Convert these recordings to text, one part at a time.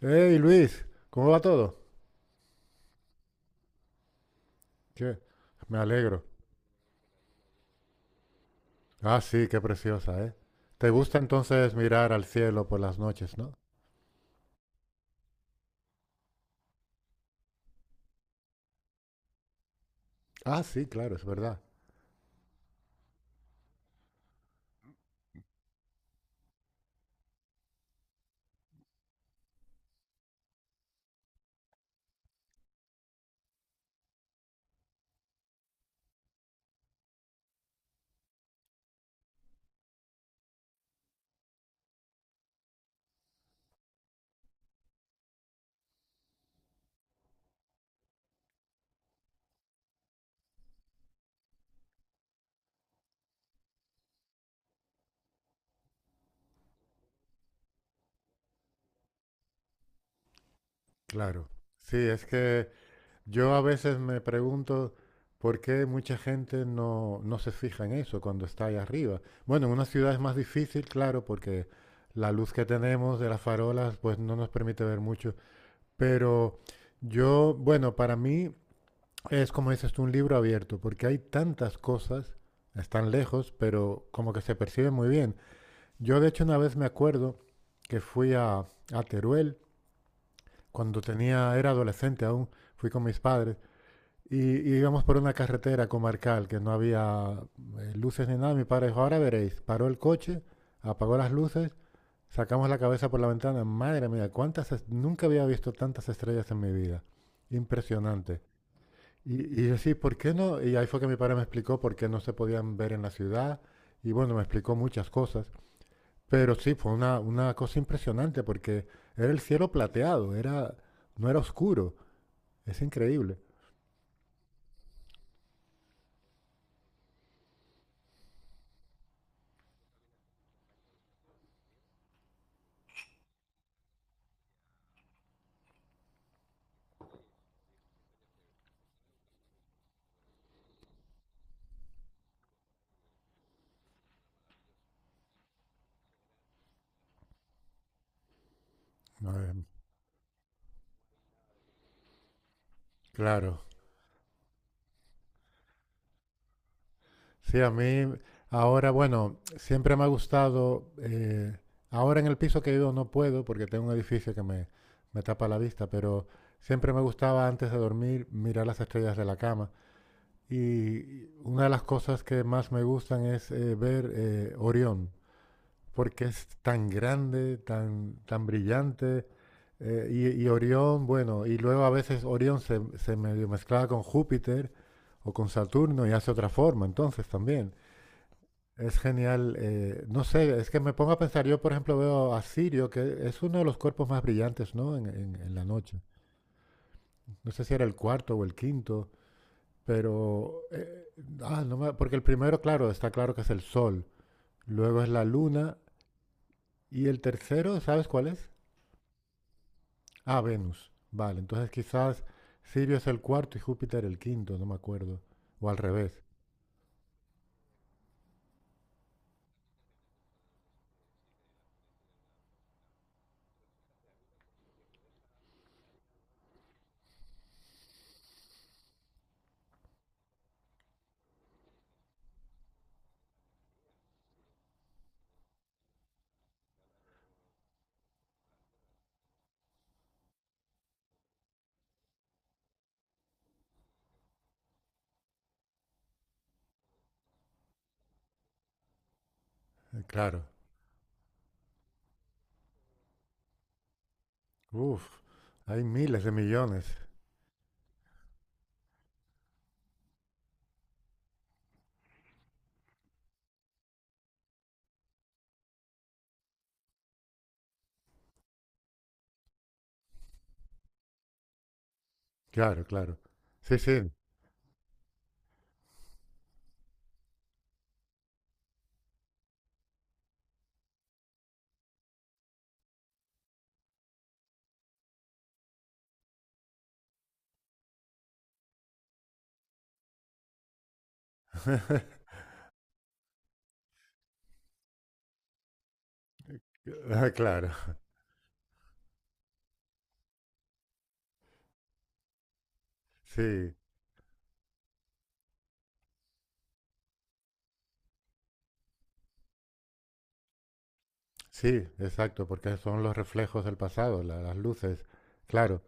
Hey Luis, ¿cómo va todo? ¿Qué? Me alegro. Ah, sí, qué preciosa, ¿eh? ¿Te gusta entonces mirar al cielo por las noches, no? Ah, sí, claro, es verdad. Claro. Sí, es que yo a veces me pregunto por qué mucha gente no se fija en eso cuando está ahí arriba. Bueno, en una ciudad es más difícil, claro, porque la luz que tenemos de las farolas pues no nos permite ver mucho. Pero yo, bueno, para mí es como dices tú, un libro abierto, porque hay tantas cosas, están lejos, pero como que se percibe muy bien. Yo de hecho una vez me acuerdo que fui a Teruel, cuando tenía, era adolescente aún, fui con mis padres, y íbamos por una carretera comarcal que no había luces ni nada. Mi padre dijo, ahora veréis, paró el coche, apagó las luces, sacamos la cabeza por la ventana, madre mía, cuántas, nunca había visto tantas estrellas en mi vida. Impresionante. Y yo sí, ¿por qué no? Y ahí fue que mi padre me explicó por qué no se podían ver en la ciudad. Y bueno, me explicó muchas cosas. Pero sí, fue una cosa impresionante porque era el cielo plateado, era, no era oscuro. Es increíble. Eh, claro. Sí, a mí ahora, bueno, siempre me ha gustado. Ahora en el piso que vivo no puedo porque tengo un edificio que me tapa la vista, pero siempre me gustaba antes de dormir mirar las estrellas de la cama. Y una de las cosas que más me gustan es ver Orión, porque es tan grande, tan, tan brillante. Y, y Orión, bueno, y luego a veces Orión se medio mezclaba con Júpiter o con Saturno y hace otra forma, entonces también. Es genial. No sé, es que me pongo a pensar, yo por ejemplo veo a Sirio, que es uno de los cuerpos más brillantes, ¿no? En, en la noche. No sé si era el cuarto o el quinto. Pero, ah, no me- porque el primero, claro, está claro que es el Sol, luego es la Luna y el tercero, ¿sabes cuál es? Ah, Venus. Vale, entonces quizás Sirio es el cuarto y Júpiter el quinto, no me acuerdo. O al revés, claro. Uf, hay miles de millones. Claro, claro. Sí, sí. Ah, claro, sí, sí, exacto, porque son los reflejos del pasado, las luces. Claro,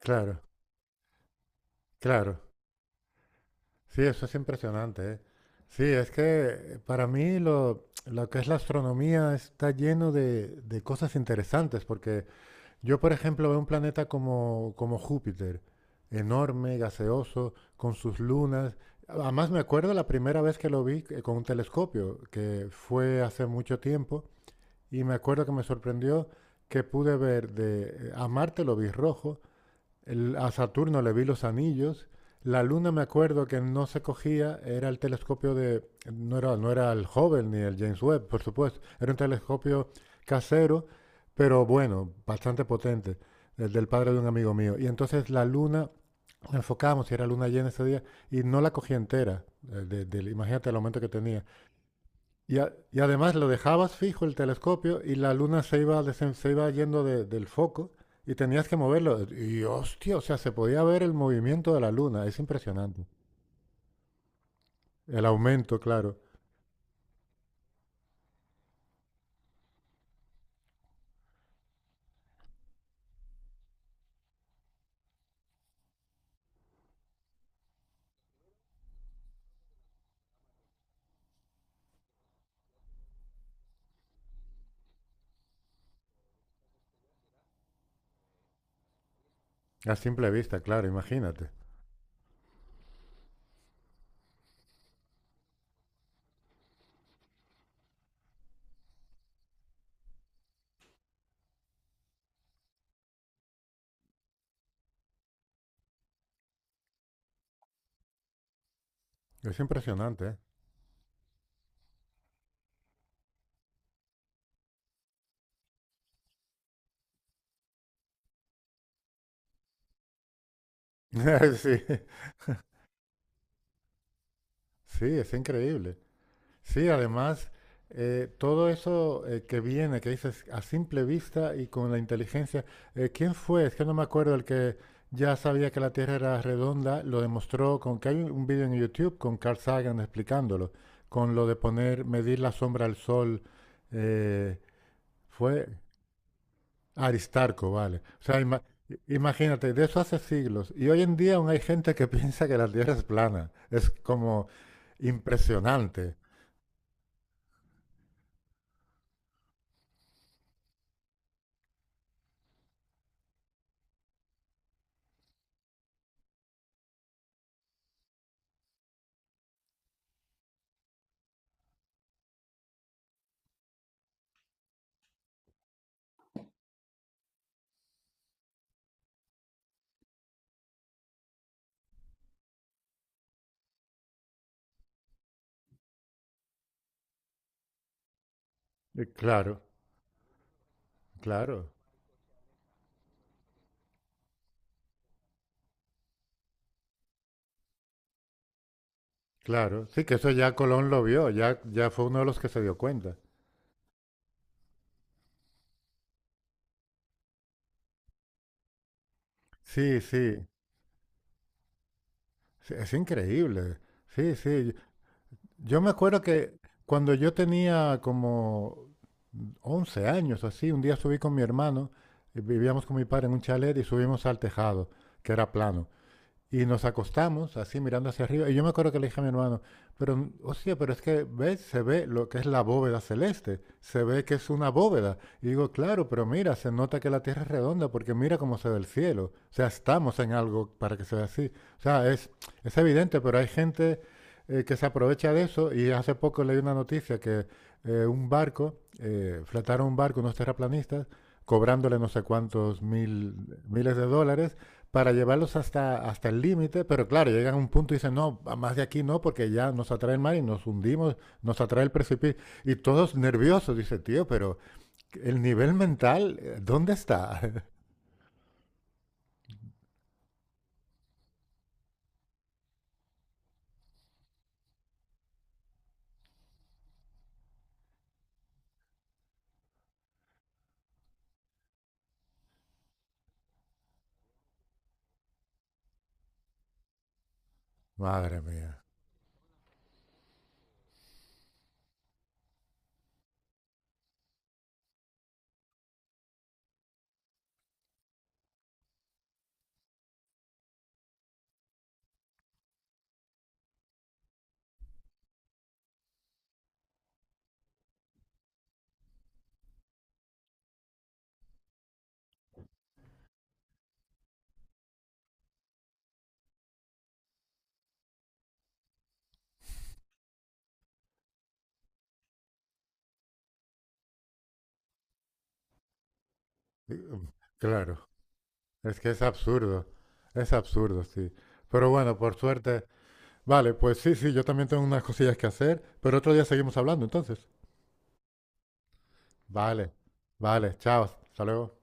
claro, claro. Sí, eso es impresionante, ¿eh? Sí, es que para mí lo que es la astronomía está lleno de cosas interesantes, porque yo, por ejemplo, veo un planeta como, como Júpiter, enorme, gaseoso, con sus lunas. Además, me acuerdo la primera vez que lo vi con un telescopio, que fue hace mucho tiempo, y me acuerdo que me sorprendió que pude ver de, a Marte lo vi rojo, a Saturno le vi los anillos. La luna me acuerdo que no se cogía, era el telescopio de, no era, no era el Hubble ni el James Webb, por supuesto, era un telescopio casero, pero bueno, bastante potente, el del padre de un amigo mío. Y entonces la luna, enfocábamos, si era luna llena ese día, y no la cogí entera, imagínate el aumento que tenía. Y, y además lo dejabas fijo el telescopio y la luna se iba, se iba yendo del foco y tenías que moverlo. Y hostia, o sea, se podía ver el movimiento de la luna. Es impresionante. El aumento, claro. A simple vista, claro, imagínate. Es impresionante, ¿eh? Sí, sí, es increíble. Sí, además, todo eso que viene, que dices a simple vista y con la inteligencia, ¿quién fue? Es que no me acuerdo el que ya sabía que la Tierra era redonda, lo demostró con que hay un vídeo en YouTube con Carl Sagan explicándolo, con lo de poner, medir la sombra al sol, eh, fue Aristarco, vale. O sea, imagínate, de eso hace siglos. Y hoy en día aún hay gente que piensa que la Tierra es plana. Es como impresionante. Claro, claro. Claro, sí, que eso ya Colón lo vio, ya, ya fue uno de los que se dio cuenta. Sí, sí, sí, es increíble. Sí, sí. Yo me acuerdo que cuando yo tenía como 11 años o así, un día subí con mi hermano, y vivíamos con mi padre en un chalet y subimos al tejado, que era plano. Y nos acostamos así mirando hacia arriba. Y yo me acuerdo que le dije a mi hermano, pero, hostia, pero es que, ¿ves? Se ve lo que es la bóveda celeste. Se ve que es una bóveda. Y digo, claro, pero mira, se nota que la Tierra es redonda porque mira cómo se ve el cielo. O sea, estamos en algo para que sea así. O sea, es evidente, pero hay gente que se aprovecha de eso. Y hace poco leí una noticia que fletaron un barco, unos terraplanistas, cobrándole no sé cuántos mil, miles de dólares para llevarlos hasta, hasta el límite, pero claro, llegan a un punto y dicen, no, más de aquí no, porque ya nos atrae el mar y nos hundimos, nos atrae el precipicio. Y todos nerviosos, dice, tío, pero el nivel mental, ¿dónde está? Madre mía. Y, um, Claro, es que es absurdo, sí. Pero bueno, por suerte, vale, pues sí, sí, yo también tengo unas cosillas que hacer, pero otro día seguimos hablando, entonces. Vale, vale, chao, hasta luego.